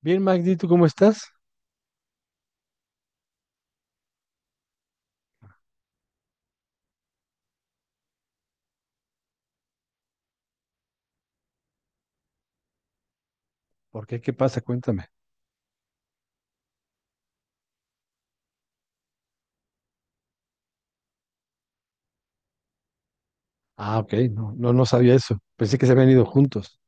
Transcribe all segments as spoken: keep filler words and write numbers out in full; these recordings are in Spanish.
Bien, Magdi, ¿tú cómo estás? ¿Por qué? ¿Qué pasa? Cuéntame. Ah, ok, no, no, no sabía eso. Pensé que se habían ido juntos.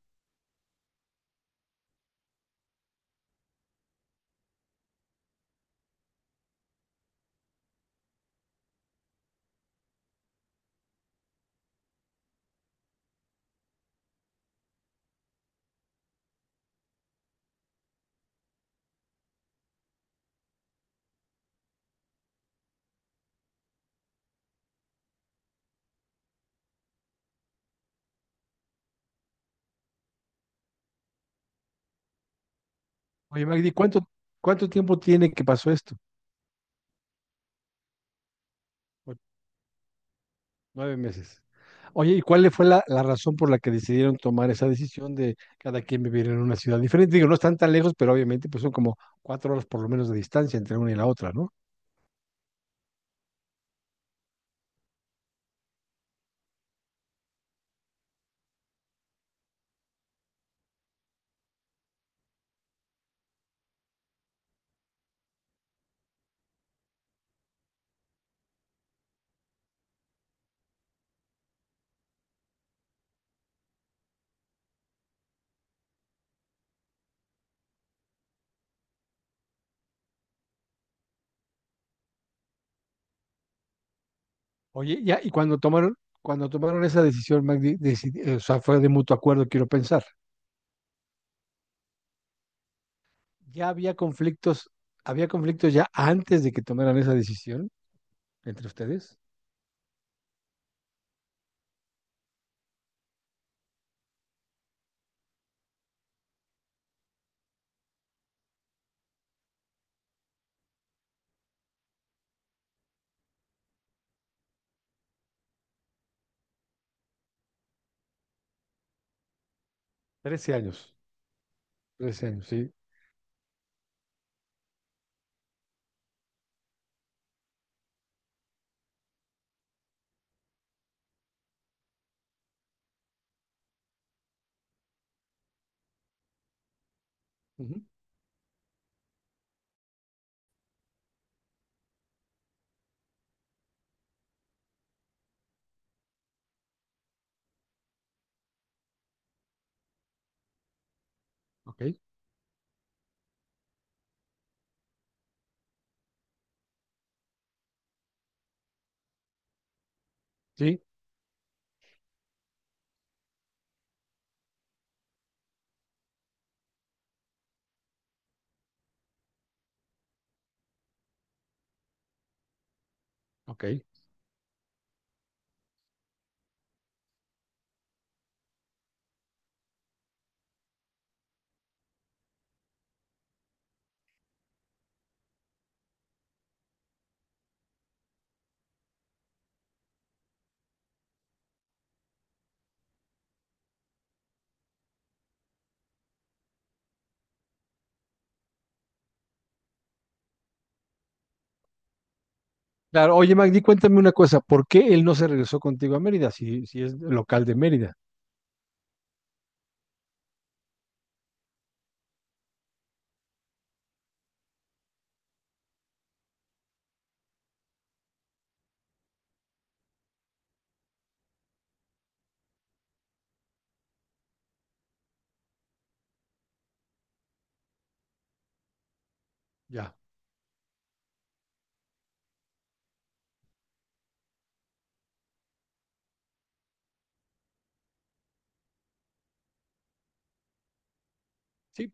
Oye, Magdi, ¿cuánto, cuánto tiempo tiene que pasó esto? O- Nueve meses. Oye, ¿y cuál le fue la, la razón por la que decidieron tomar esa decisión de cada quien vivir en una ciudad diferente? Digo, no están tan lejos, pero obviamente pues son como cuatro horas por lo menos de distancia entre una y la otra, ¿no? Oye, ya, y cuando tomaron, cuando tomaron esa decisión, Magdi, decidi- o sea, fue de mutuo acuerdo, quiero pensar. ¿Ya había conflictos, había conflictos ya antes de que tomaran esa decisión entre ustedes? Trece años, trece años, sí. Ujú. Ok, sí, ok. Claro, oye Magdi, cuéntame una cosa, ¿por qué él no se regresó contigo a Mérida si, si es local de Mérida? Ya. Sí,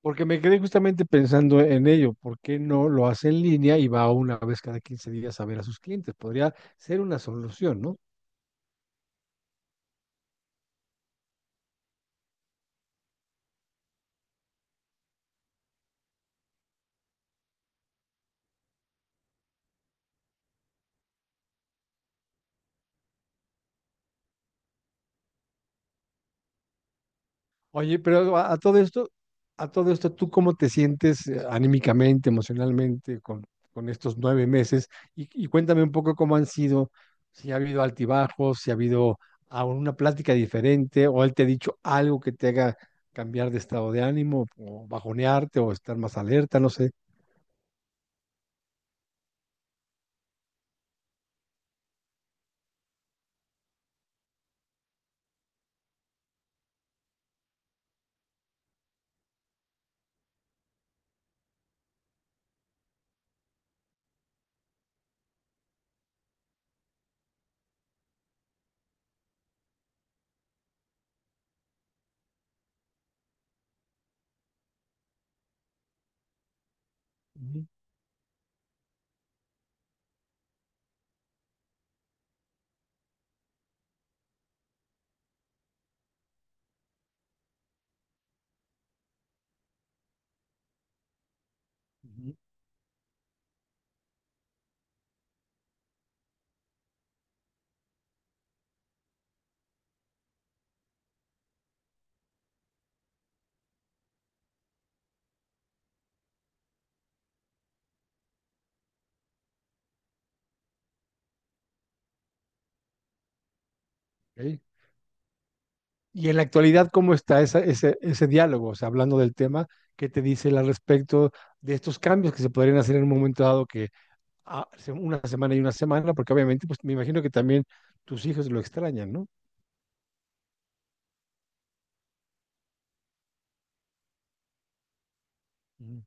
porque me quedé justamente pensando en ello, ¿por qué no lo hace en línea y va una vez cada quince días a ver a sus clientes? Podría ser una solución, ¿no? Oye, pero a, a todo esto, a todo esto, ¿tú cómo te sientes eh, anímicamente, emocionalmente con, con estos nueve meses? Y, y cuéntame un poco cómo han sido, si ha habido altibajos, si ha habido alguna plática diferente, o él te ha dicho algo que te haga cambiar de estado de ánimo, o bajonearte, o estar más alerta, no sé. Ujú, ujú. Ok. Y en la actualidad, ¿cómo está esa- ese, ese diálogo? O sea, hablando del tema, ¿qué te dice él al respecto de estos cambios que se podrían hacer en un momento dado que a- se- una semana y una semana, porque obviamente, pues me imagino que también tus hijos lo extrañan, ¿no? Ujú.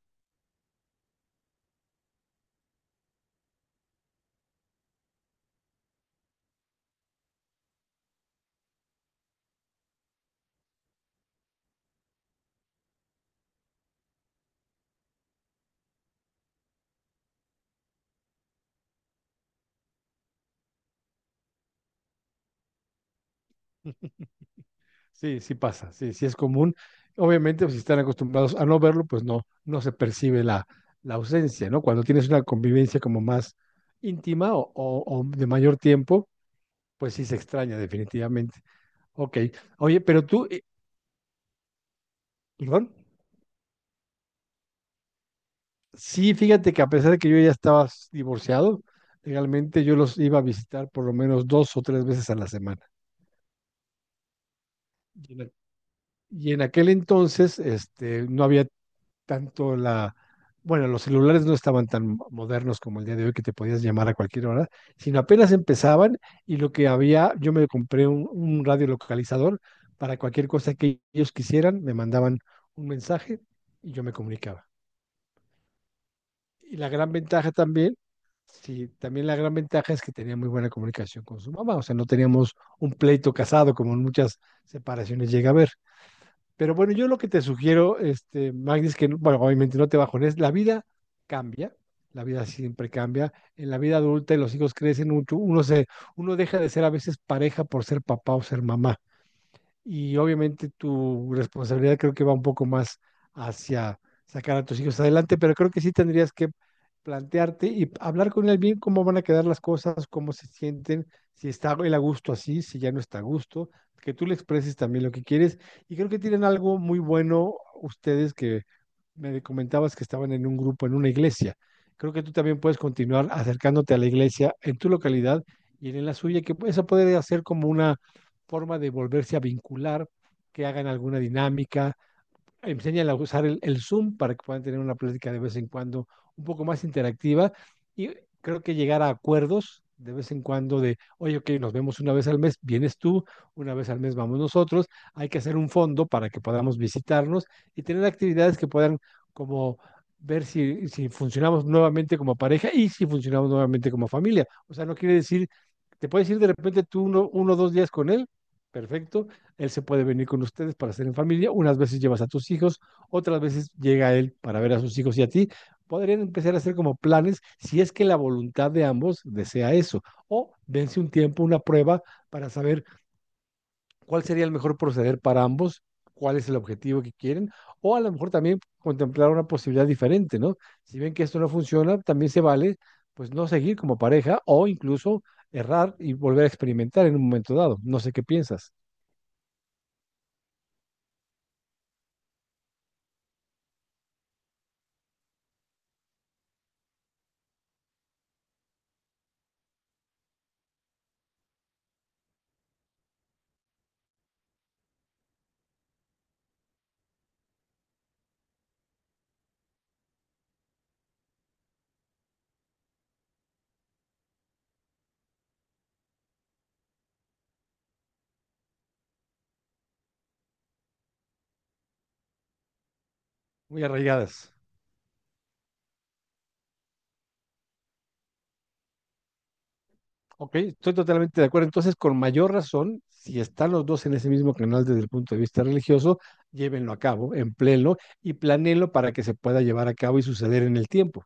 Sí, sí pasa, sí, sí es común. Obviamente, pues, si están acostumbrados a no verlo, pues no, no se percibe la, la ausencia, ¿no? Cuando tienes una convivencia como más íntima o, o- o de mayor tiempo, pues sí se extraña definitivamente. Ok, oye, pero tú, eh, perdón, sí, fíjate que a pesar de que yo ya estaba divorciado, legalmente yo los iba a visitar por lo menos dos o tres veces a la semana. Y en aquel entonces, este, no había tanto la, bueno, los celulares no estaban tan modernos como el día de hoy que te podías llamar a cualquier hora, sino apenas empezaban y lo que había, yo me compré un, un radio localizador para cualquier cosa que ellos quisieran, me mandaban un mensaje y yo me comunicaba. Y la gran ventaja también, sí, también la gran ventaja es que tenía muy buena comunicación con su mamá, o sea, no teníamos un pleito casado como en muchas separaciones llega a haber. Pero bueno, yo lo que te sugiero, este, Magdi, es que, no- bueno, obviamente no te bajones, la vida cambia, la vida siempre cambia. En la vida adulta los hijos crecen mucho, uno se, uno deja de ser a veces pareja por ser papá o ser mamá y obviamente tu responsabilidad creo que va un poco más hacia sacar a tus hijos adelante, pero creo que sí tendrías que plantearte y hablar con él bien cómo van a quedar las cosas, cómo se sienten, si está él a gusto así, si ya no está a gusto, que tú le expreses también lo que quieres. Y creo que tienen algo muy bueno ustedes que me comentabas que estaban en un grupo, en una iglesia. Creo que tú también puedes continuar acercándote a la iglesia en tu localidad y en la suya, que eso puede hacer como una forma de volverse a vincular, que hagan alguna dinámica, enseñan a usar el, el, Zoom para que puedan tener una plática de vez en cuando un poco más interactiva y creo que llegar a acuerdos de vez en cuando de, oye, ok, nos vemos una vez al mes, vienes tú, una vez al mes vamos nosotros, hay que hacer un fondo para que podamos visitarnos y tener actividades que puedan como ver si, si funcionamos nuevamente como pareja y si, funcionamos nuevamente como familia. O sea, no quiere decir, te puedes ir de repente tú uno, uno o dos días con él, perfecto, él se puede venir con ustedes para hacer en familia. Unas veces llevas a tus hijos, otras veces llega él para ver a sus hijos y a ti. Podrían empezar a hacer como planes si es que la voluntad de ambos desea eso. O dense un tiempo, una prueba para saber cuál sería el mejor proceder para ambos, cuál es el objetivo que quieren. O a lo mejor también contemplar una posibilidad diferente, ¿no? Si ven que esto no funciona, también se vale, pues no seguir como pareja o incluso errar y volver a experimentar en un momento dado. No sé qué piensas. Muy arraigadas. Ok, estoy totalmente de acuerdo. Entonces, con mayor razón, si están los dos en ese mismo canal desde el punto de vista religioso, llévenlo a cabo, empléenlo y planéenlo para que se pueda llevar a cabo y suceder en el tiempo.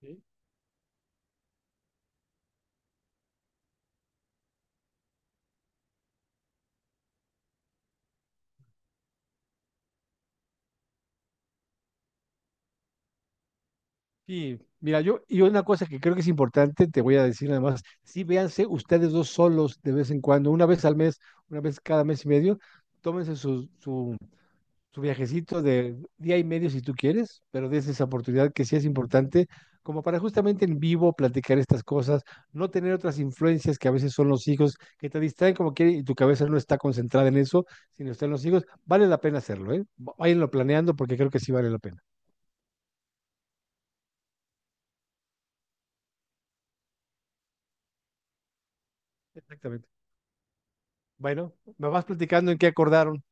Sí. Y mira, yo, y una cosa que creo que es importante, te voy a decir además, sí véanse ustedes dos solos de vez en cuando, una vez al mes, una vez cada mes y medio, tómense su, su tu viajecito de día y medio si tú quieres, pero des esa oportunidad que sí es importante, como para justamente en vivo platicar estas cosas, no tener otras influencias que a veces son los hijos, que te distraen como quieren y tu cabeza no está concentrada en eso, sino está en los hijos, vale la pena hacerlo, ¿eh? Váyanlo planeando porque creo que sí vale la pena. Exactamente. Bueno, me vas platicando en qué acordaron.